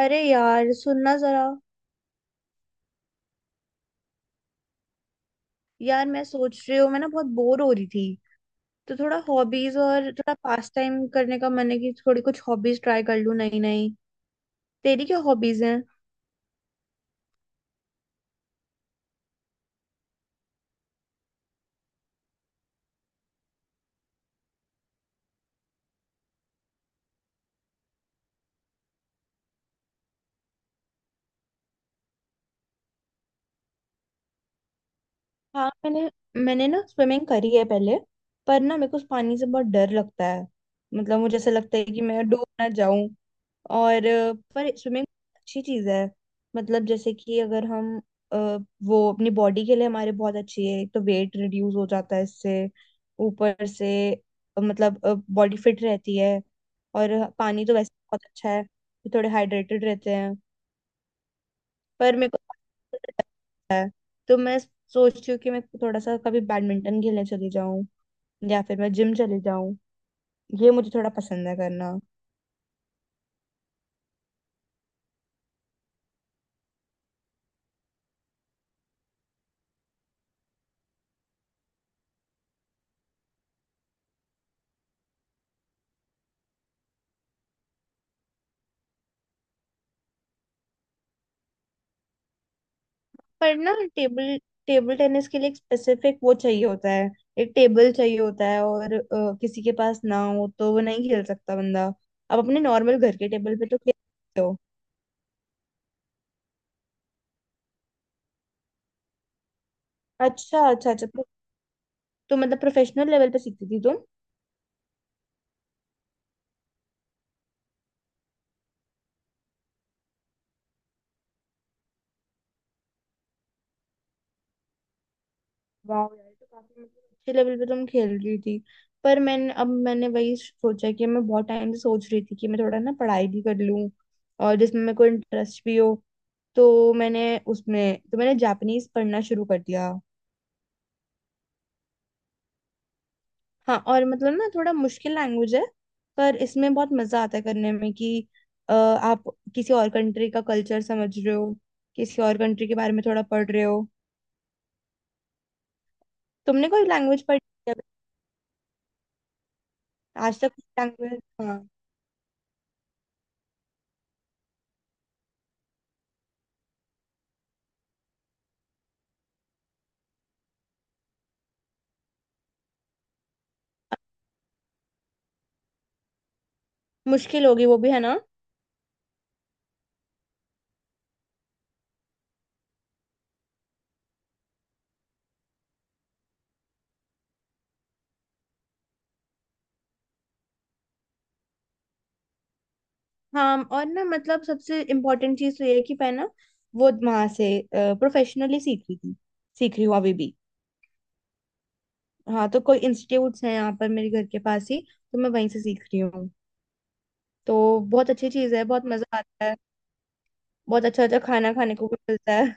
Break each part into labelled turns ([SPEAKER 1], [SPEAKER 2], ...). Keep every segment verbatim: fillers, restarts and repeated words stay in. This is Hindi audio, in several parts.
[SPEAKER 1] अरे यार सुनना जरा। यार मैं सोच रही हूँ, मैं ना बहुत बोर हो रही थी। तो थोड़ा हॉबीज और थोड़ा पास टाइम करने का मन है कि थोड़ी कुछ हॉबीज ट्राई कर लूँ नई नई। तेरी क्या हॉबीज हैं? हाँ, मैंने मैंने ना स्विमिंग करी है पहले। पर ना मेरे को उस पानी से बहुत डर लगता है। मतलब मुझे ऐसा लगता है कि मैं डूब ना जाऊं। और अ, पर स्विमिंग अच्छी चीज है। मतलब जैसे कि अगर हम अ, वो अपनी बॉडी के लिए हमारे बहुत अच्छी है। एक तो वेट रिड्यूस हो जाता है इससे, ऊपर से अ, मतलब बॉडी फिट रहती है। और पानी तो वैसे ही बहुत अच्छा है, तो थोड़े हाइड्रेटेड रहते हैं। पर मेरे को तो मैं सोचती हूँ कि मैं थोड़ा सा कभी बैडमिंटन खेलने चली जाऊँ, या फिर मैं जिम चली जाऊँ। ये मुझे थोड़ा पसंद है करना। पर ना टेबल टेबल टेनिस के लिए एक स्पेसिफिक वो चाहिए होता है। एक टेबल चाहिए होता है, और अ, किसी के पास ना हो तो वो नहीं खेल सकता बंदा। आप अपने नॉर्मल घर के टेबल पे तो खेल सकते हो। अच्छा अच्छा अच्छा। तो, तो मतलब प्रोफेशनल लेवल पे सीखती थी तुम? वाह यार, तो काफी मतलब अच्छे लेवल पे तुम खेल रही थी। पर मैंने, अब मैंने वही सोचा कि मैं बहुत टाइम से सोच रही थी कि मैं थोड़ा ना पढ़ाई भी कर लूं, और जिसमें मेरे को इंटरेस्ट भी हो। तो मैंने उसमें तो मैंने जापानीज पढ़ना शुरू कर दिया। हाँ, और मतलब ना थोड़ा मुश्किल लैंग्वेज है, पर इसमें बहुत मजा आता है करने में कि अ, आप किसी और कंट्री का कल्चर समझ रहे हो, किसी और कंट्री के बारे में थोड़ा पढ़ रहे हो। तुमने कोई लैंग्वेज पढ़ी है आज तक? लैंग्वेज, हाँ। मुश्किल होगी वो भी, है ना? हाँ। और ना मतलब सबसे इम्पोर्टेंट चीज तो ये है कि मैं ना वो वहां से प्रोफेशनली सीख रही थी, सीख रही हूँ अभी भी। हाँ, तो कोई इंस्टीट्यूट्स हैं यहाँ पर मेरे घर के पास ही, तो मैं वहीं से सीख रही हूँ। तो बहुत अच्छी चीज है, बहुत मजा आता है। बहुत अच्छा अच्छा खाना खाने को भी मिलता है।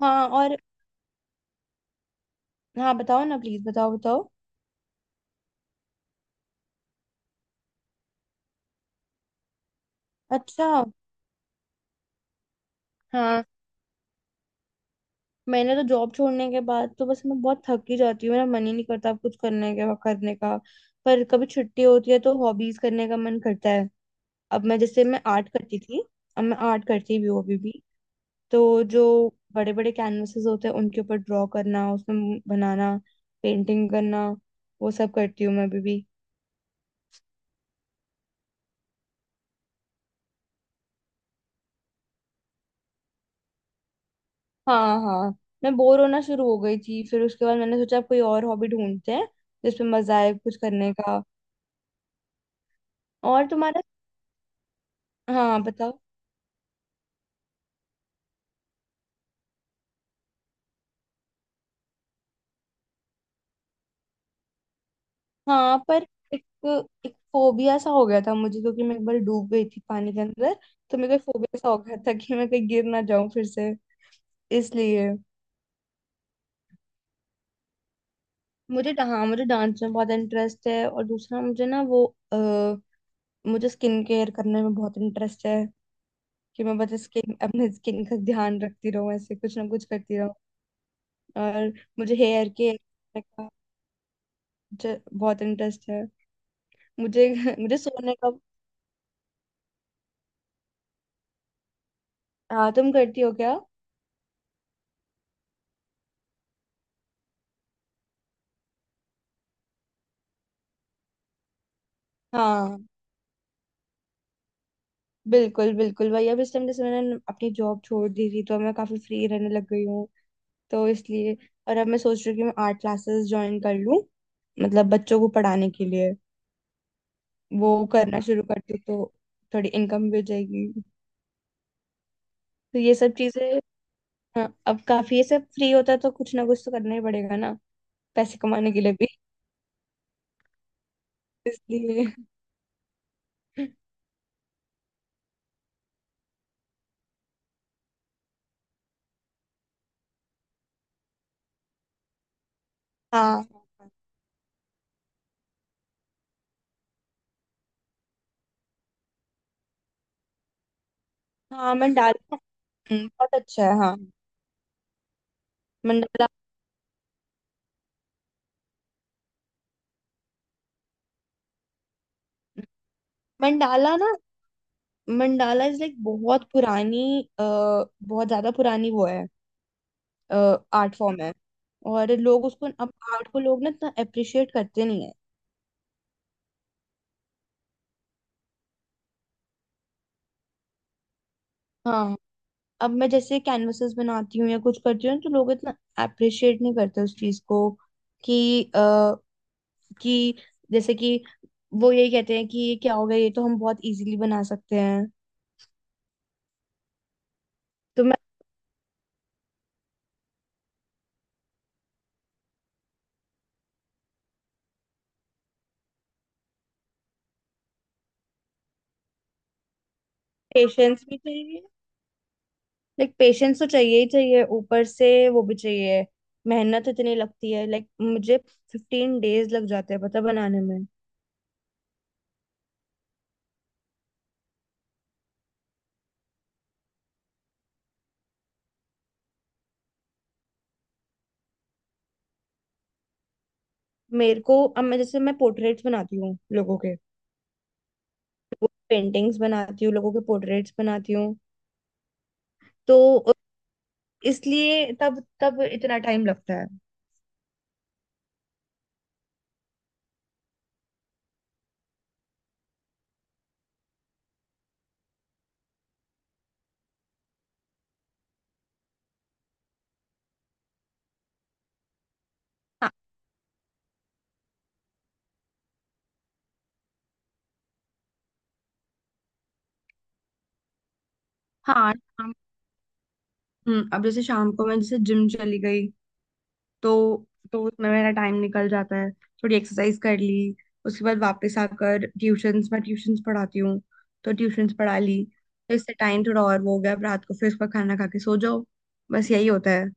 [SPEAKER 1] हाँ और हाँ बताओ ना, प्लीज बताओ बताओ। अच्छा। हाँ, मैंने तो जॉब छोड़ने के बाद तो बस मैं बहुत थक ही जाती हूँ, मेरा मन ही नहीं करता अब कुछ करने के, करने का। पर कभी छुट्टी होती है तो हॉबीज करने का मन करता है। अब मैं जैसे मैं आर्ट करती थी, अब मैं आर्ट करती भी हूँ अभी भी। तो जो बड़े बड़े कैनवासेस होते हैं उनके ऊपर ड्रॉ करना, उसमें बनाना, पेंटिंग करना, वो सब करती हूँ मैं अभी भी। हाँ हाँ, मैं बोर होना शुरू हो गई थी, फिर उसके बाद मैंने सोचा अब कोई और हॉबी ढूंढते हैं जिसमें मजा आए कुछ करने का। और तुम्हारा? हाँ बताओ। हाँ, पर एक एक फोबिया सा हो गया था मुझे, क्योंकि मैं एक बार डूब गई थी पानी के अंदर। तो मेरे को फोबिया सा हो गया था कि मैं कहीं गिर ना जाऊं फिर से, इसलिए। मुझे डा- हाँ, मुझे डांस में बहुत इंटरेस्ट है। और दूसरा, मुझे ना वो आ, मुझे स्किन केयर करने में बहुत इंटरेस्ट है। कि मैं बस स्किन, अपने स्किन का ध्यान रखती रहूं, ऐसे कुछ ना कुछ करती रहूं। और मुझे हेयर के का मुझे बहुत इंटरेस्ट है। मुझे मुझे सोने का। हाँ, तुम करती हो क्या? हाँ, बिल्कुल बिल्कुल भाई, अब इस टाइम जैसे मैंने अपनी जॉब छोड़ दी थी तो अब मैं काफी फ्री रहने लग गई हूँ। तो इसलिए, और अब मैं सोच रही हूँ कि मैं आर्ट क्लासेस ज्वाइन कर लूँ, मतलब बच्चों को पढ़ाने के लिए। वो करना शुरू करती हूँ तो थोड़ी इनकम भी हो जाएगी। तो ये सब चीजें, हाँ अब काफी ये सब फ्री होता है तो कुछ ना कुछ तो करना ही पड़ेगा ना, पैसे कमाने के लिए भी। इसलिए हाँ हाँ, मंडाला। हम्म, बहुत अच्छा है, हाँ। मंडाला, मंडाला ना, मंडाला इज लाइक बहुत पुरानी, अ, बहुत ज्यादा पुरानी वो है। आर्ट फॉर्म है, और लोग उसको, अब आर्ट को लोग ना इतना अप्रिशिएट करते नहीं है। हाँ, अब मैं जैसे कैनवसेस बनाती हूँ या कुछ करती हूँ तो लोग इतना अप्रिशिएट नहीं करते उस चीज को। कि आ, कि जैसे कि वो यही कहते हैं कि ये क्या हो गया, ये तो हम बहुत इजीली बना सकते हैं। तो मैं पेशेंस भी चाहिए, लाइक पेशेंस तो चाहिए ही चाहिए, ऊपर से वो भी चाहिए। मेहनत इतनी लगती है, लाइक मुझे फिफ्टीन डेज लग जाते हैं पता बनाने में। मेरे को, अब मैं जैसे मैं पोर्ट्रेट्स बनाती हूँ लोगों के, पेंटिंग्स बनाती हूँ, लोगों के पोर्ट्रेट्स बनाती हूँ। तो इसलिए तब तब इतना टाइम लगता है। हाँ हाँ। शाम- हम्म, अब जैसे शाम को मैं जैसे जिम चली गई तो तो उसमें मेरा टाइम निकल जाता है, थोड़ी एक्सरसाइज कर ली। उसके बाद वापस आकर ट्यूशंस, मैं ट्यूशंस पढ़ाती हूँ, तो ट्यूशंस पढ़ा ली। तो इससे टाइम थोड़ा और वो हो गया। अब रात को फिर उसका खाना खा के सो जाओ, बस यही होता है।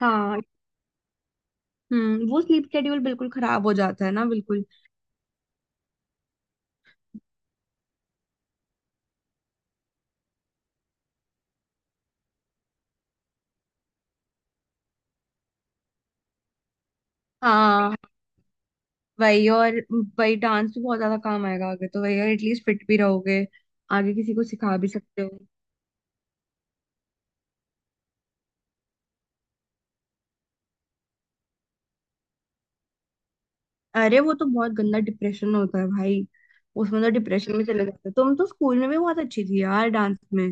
[SPEAKER 1] हाँ हम्म, वो स्लीप शेड्यूल बिल्कुल खराब हो जाता है ना, बिल्कुल। हाँ वही, और वही डांस भी बहुत ज्यादा काम आएगा आगे, तो वही और एटलीस्ट फिट भी रहोगे, आगे किसी को सिखा भी सकते हो। अरे वो तो बहुत गंदा डिप्रेशन होता है भाई, उसमें तो डिप्रेशन में चले जाते हैं। तुम तो स्कूल में भी बहुत अच्छी थी यार डांस में,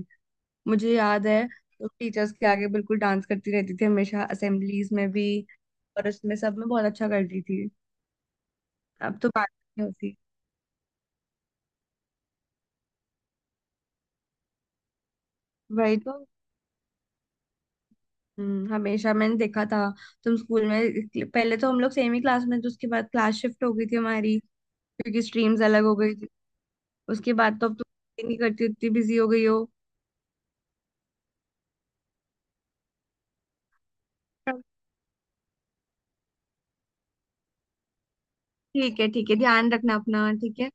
[SPEAKER 1] मुझे याद है। तुम टीचर्स के आगे बिल्कुल डांस करती रहती थी हमेशा, असेंबलीज में भी, और उसमें सब में बहुत अच्छा करती थी। अब तो बात नहीं होती। वही तो। हम्म, हमेशा मैंने देखा था। तुम स्कूल में, पहले तो हम लोग सेम ही क्लास में थे, उसके बाद क्लास शिफ्ट हो गई थी हमारी क्योंकि स्ट्रीम्स अलग हो गई थी। उसके बाद तो अब तुम नहीं करती, उतनी बिजी हो गई हो। ठीक है ठीक है, ध्यान रखना अपना, ठीक है।